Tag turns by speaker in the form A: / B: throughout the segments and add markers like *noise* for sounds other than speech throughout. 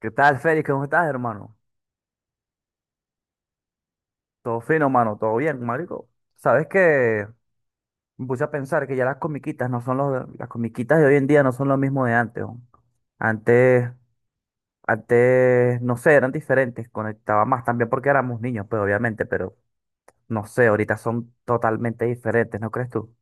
A: ¿Qué tal, Félix? ¿Cómo estás, hermano? Todo fino, mano, todo bien, marico. ¿Sabes que Me puse a pensar que ya las comiquitas no son las comiquitas de hoy en día no son lo mismo de antes, ¿no? Antes, antes, no sé, eran diferentes, conectaba más también porque éramos niños, pues obviamente, pero no sé, ahorita son totalmente diferentes, ¿no crees tú?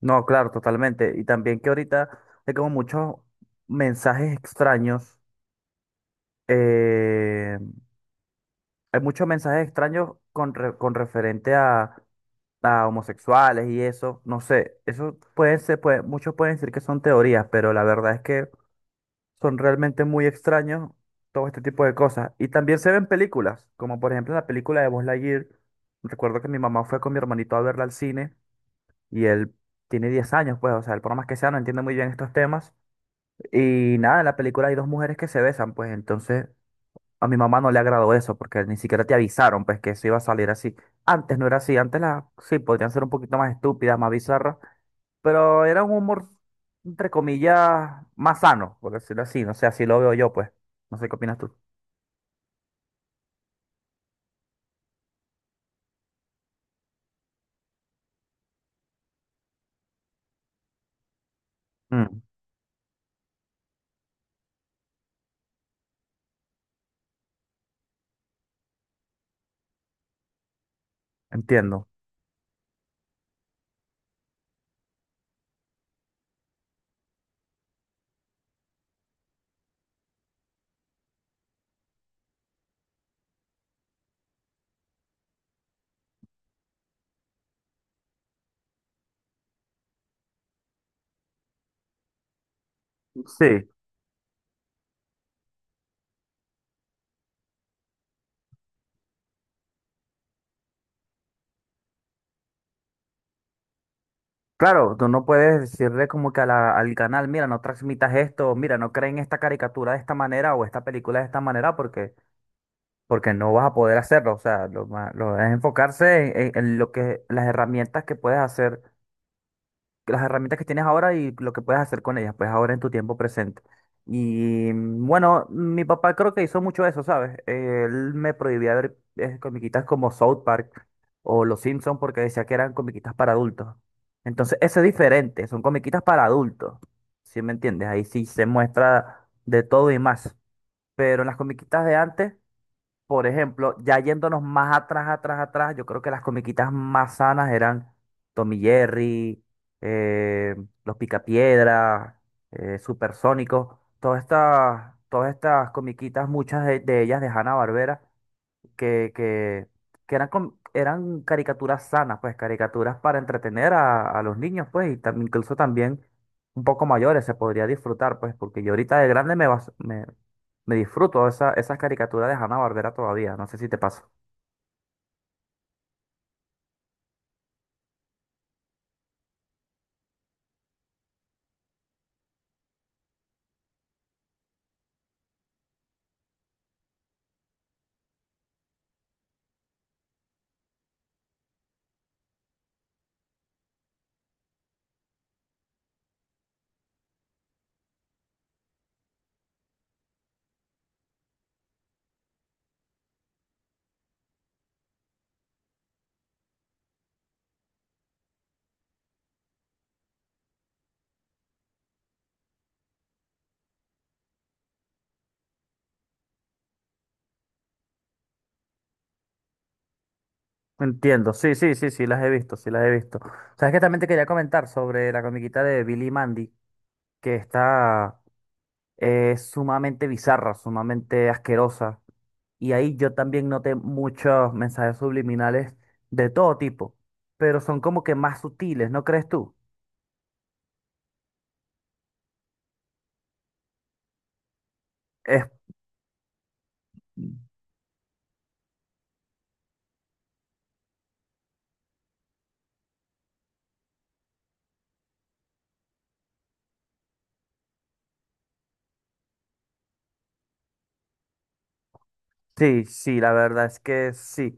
A: No, claro, totalmente. Y también que ahorita hay como muchos mensajes extraños, eh, hay muchos mensajes extraños con referente a homosexuales y eso, no sé, eso pueden ser, muchos pueden decir que son teorías, pero la verdad es que son realmente muy extraños todo este tipo de cosas. Y también se ven películas, como por ejemplo la película de Buzz Lightyear. Recuerdo que mi mamá fue con mi hermanito a verla al cine y él tiene 10 años, pues, o sea, él por más que sea no entiende muy bien estos temas. Y nada, en la película hay dos mujeres que se besan, pues entonces a mi mamá no le agradó eso porque ni siquiera te avisaron, pues que eso iba a salir así. Antes no era así, antes las sí podrían ser un poquito más estúpidas, más bizarras, pero era un humor, entre comillas, más sano, por decirlo así. No sé, así lo veo yo, pues. No sé qué opinas tú. Mm, entiendo. Sí, claro, tú no puedes decirle como que al canal, mira, no transmitas esto, mira, no creen esta caricatura de esta manera o esta película de esta manera porque porque no vas a poder hacerlo. O sea, lo es enfocarse en lo que las herramientas que puedes hacer, las herramientas que tienes ahora y lo que puedes hacer con ellas, pues ahora en tu tiempo presente. Y bueno, mi papá creo que hizo mucho eso, ¿sabes? Él me prohibía ver comiquitas como South Park o Los Simpsons porque decía que eran comiquitas para adultos. Entonces, eso es diferente, son comiquitas para adultos, ¿sí me entiendes? Ahí sí se muestra de todo y más. Pero en las comiquitas de antes, por ejemplo, ya yéndonos más atrás, atrás, atrás, yo creo que las comiquitas más sanas eran Tommy Jerry, eh, Los Picapiedras, Supersónicos, todas estas comiquitas, muchas de ellas de Hanna-Barbera, que, que, que eran caricaturas sanas, pues caricaturas para entretener a los niños, pues, y incluso también un poco mayores se podría disfrutar, pues, porque yo ahorita de grande me disfruto esas caricaturas de Hanna-Barbera todavía, no sé si te pasa. Entiendo, sí, sí, sí, sí, las he visto, sí, las he visto. ¿Sabes que? También te quería comentar sobre la comiquita de Billy y Mandy, que está sumamente bizarra, sumamente asquerosa. Y ahí yo también noté muchos mensajes subliminales de todo tipo, pero son como que más sutiles, ¿no crees tú? Es, sí, sí, la verdad es que sí.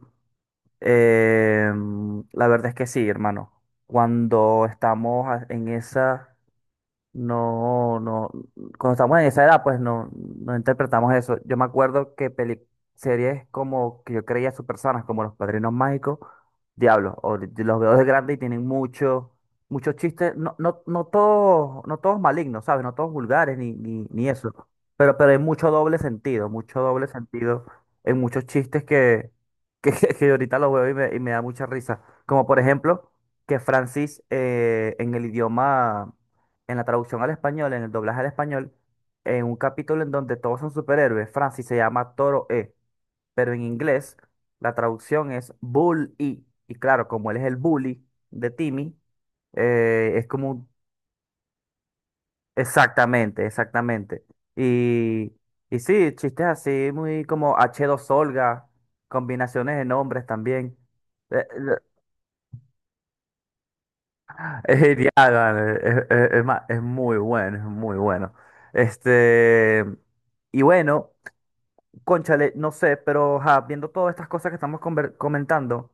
A: La verdad es que sí, hermano. Cuando estamos en esa. No, no, cuando estamos en esa edad, pues no, no interpretamos eso. Yo me acuerdo que peli series como que yo creía personas como Los Padrinos Mágicos, Diablo, los veo de grande y tienen mucho, muchos chistes, no, no, no todos, no todos malignos, ¿sabes? No todos vulgares ni eso. Pero hay mucho doble sentido en muchos chistes que, *laughs* que ahorita los veo y me da mucha risa. Como por ejemplo, que Francis en el idioma en la traducción al español, en el doblaje al español, en un capítulo en donde todos son superhéroes, Francis se llama Toro E, pero en inglés la traducción es Bull E. Y claro, como él es el bully de Timmy, es como Exactamente, exactamente. Y, y sí, chistes así, muy como h dos Olga, combinaciones de nombres también. Eh, eh, Es genial, man. Es, es muy bueno, es muy bueno. Este, y bueno, cónchale, no sé, pero ajá, viendo todas estas cosas que estamos comentando,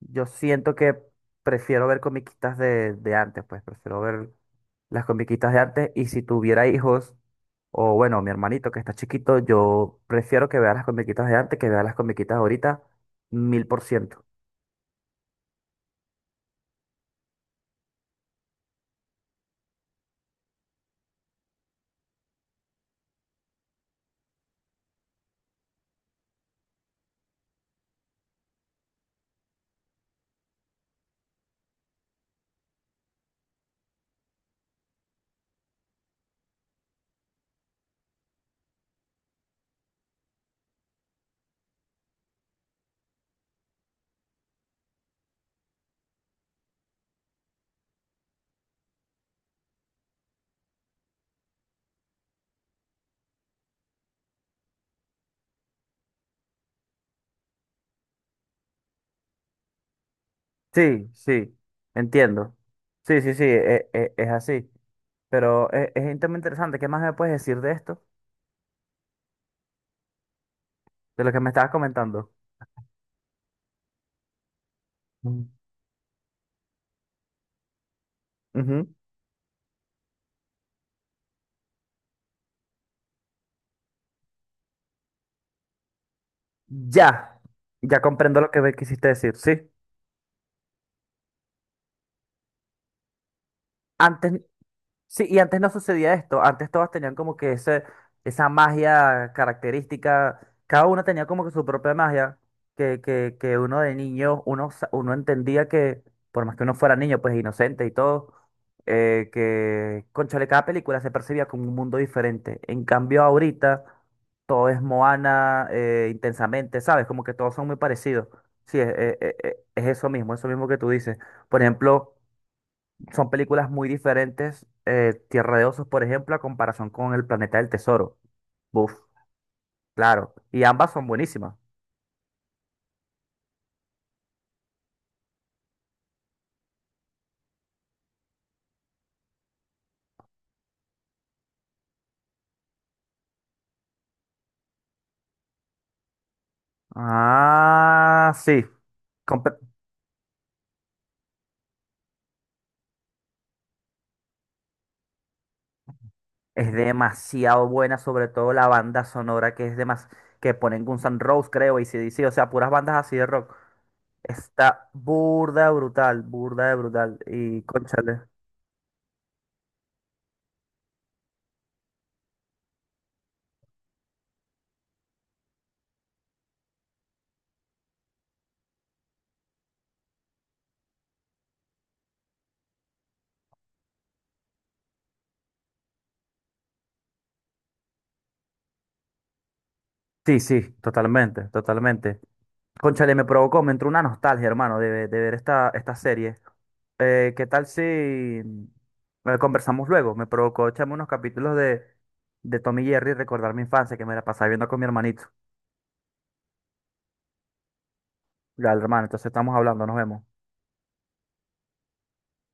A: yo siento que prefiero ver comiquitas de antes, pues prefiero ver las comiquitas de antes. Y si tuviera hijos, o bueno, mi hermanito que está chiquito, yo prefiero que vea las comiquitas de antes que vea las comiquitas de ahorita, 1000%. Sí, sí, entiendo. Sí, sí, sí, es así. Pero es un tema interesante. ¿Qué más me puedes decir de esto? De lo que me estabas comentando. Mm. Ujú. Ya, ya comprendo lo que me quisiste decir. Sí, antes, sí, y antes no sucedía esto. Antes todas tenían como que ese, esa magia característica. Cada una tenía como que su propia magia. Que uno de niño, uno, uno entendía que, por más que uno fuera niño, pues inocente y todo, que, cónchale, cada película se percibía como un mundo diferente. En cambio, ahorita todo es Moana, intensamente, ¿sabes? Como que todos son muy parecidos. Sí, es eso mismo que tú dices. Por ejemplo, son películas muy diferentes. Eh, Tierra de Osos, por ejemplo, a comparación con El Planeta del Tesoro. Buf, claro. Y ambas son buenísimas. Ah, sí. Compe- Es demasiado buena, sobre todo la banda sonora que es demas que ponen Guns N' Roses, creo, y ac o sea, puras bandas así de rock. Está burda de brutal, burda de brutal. Y cónchale. Sí, sí, totalmente, totalmente. Cónchale, me provocó, me entró una nostalgia, hermano, de ver esta serie. ¿Qué tal si conversamos luego? Me provocó echarme unos capítulos de Tom y Jerry y recordar mi infancia que me la pasaba viendo con mi hermanito. Ya, hermano, entonces estamos hablando, nos vemos.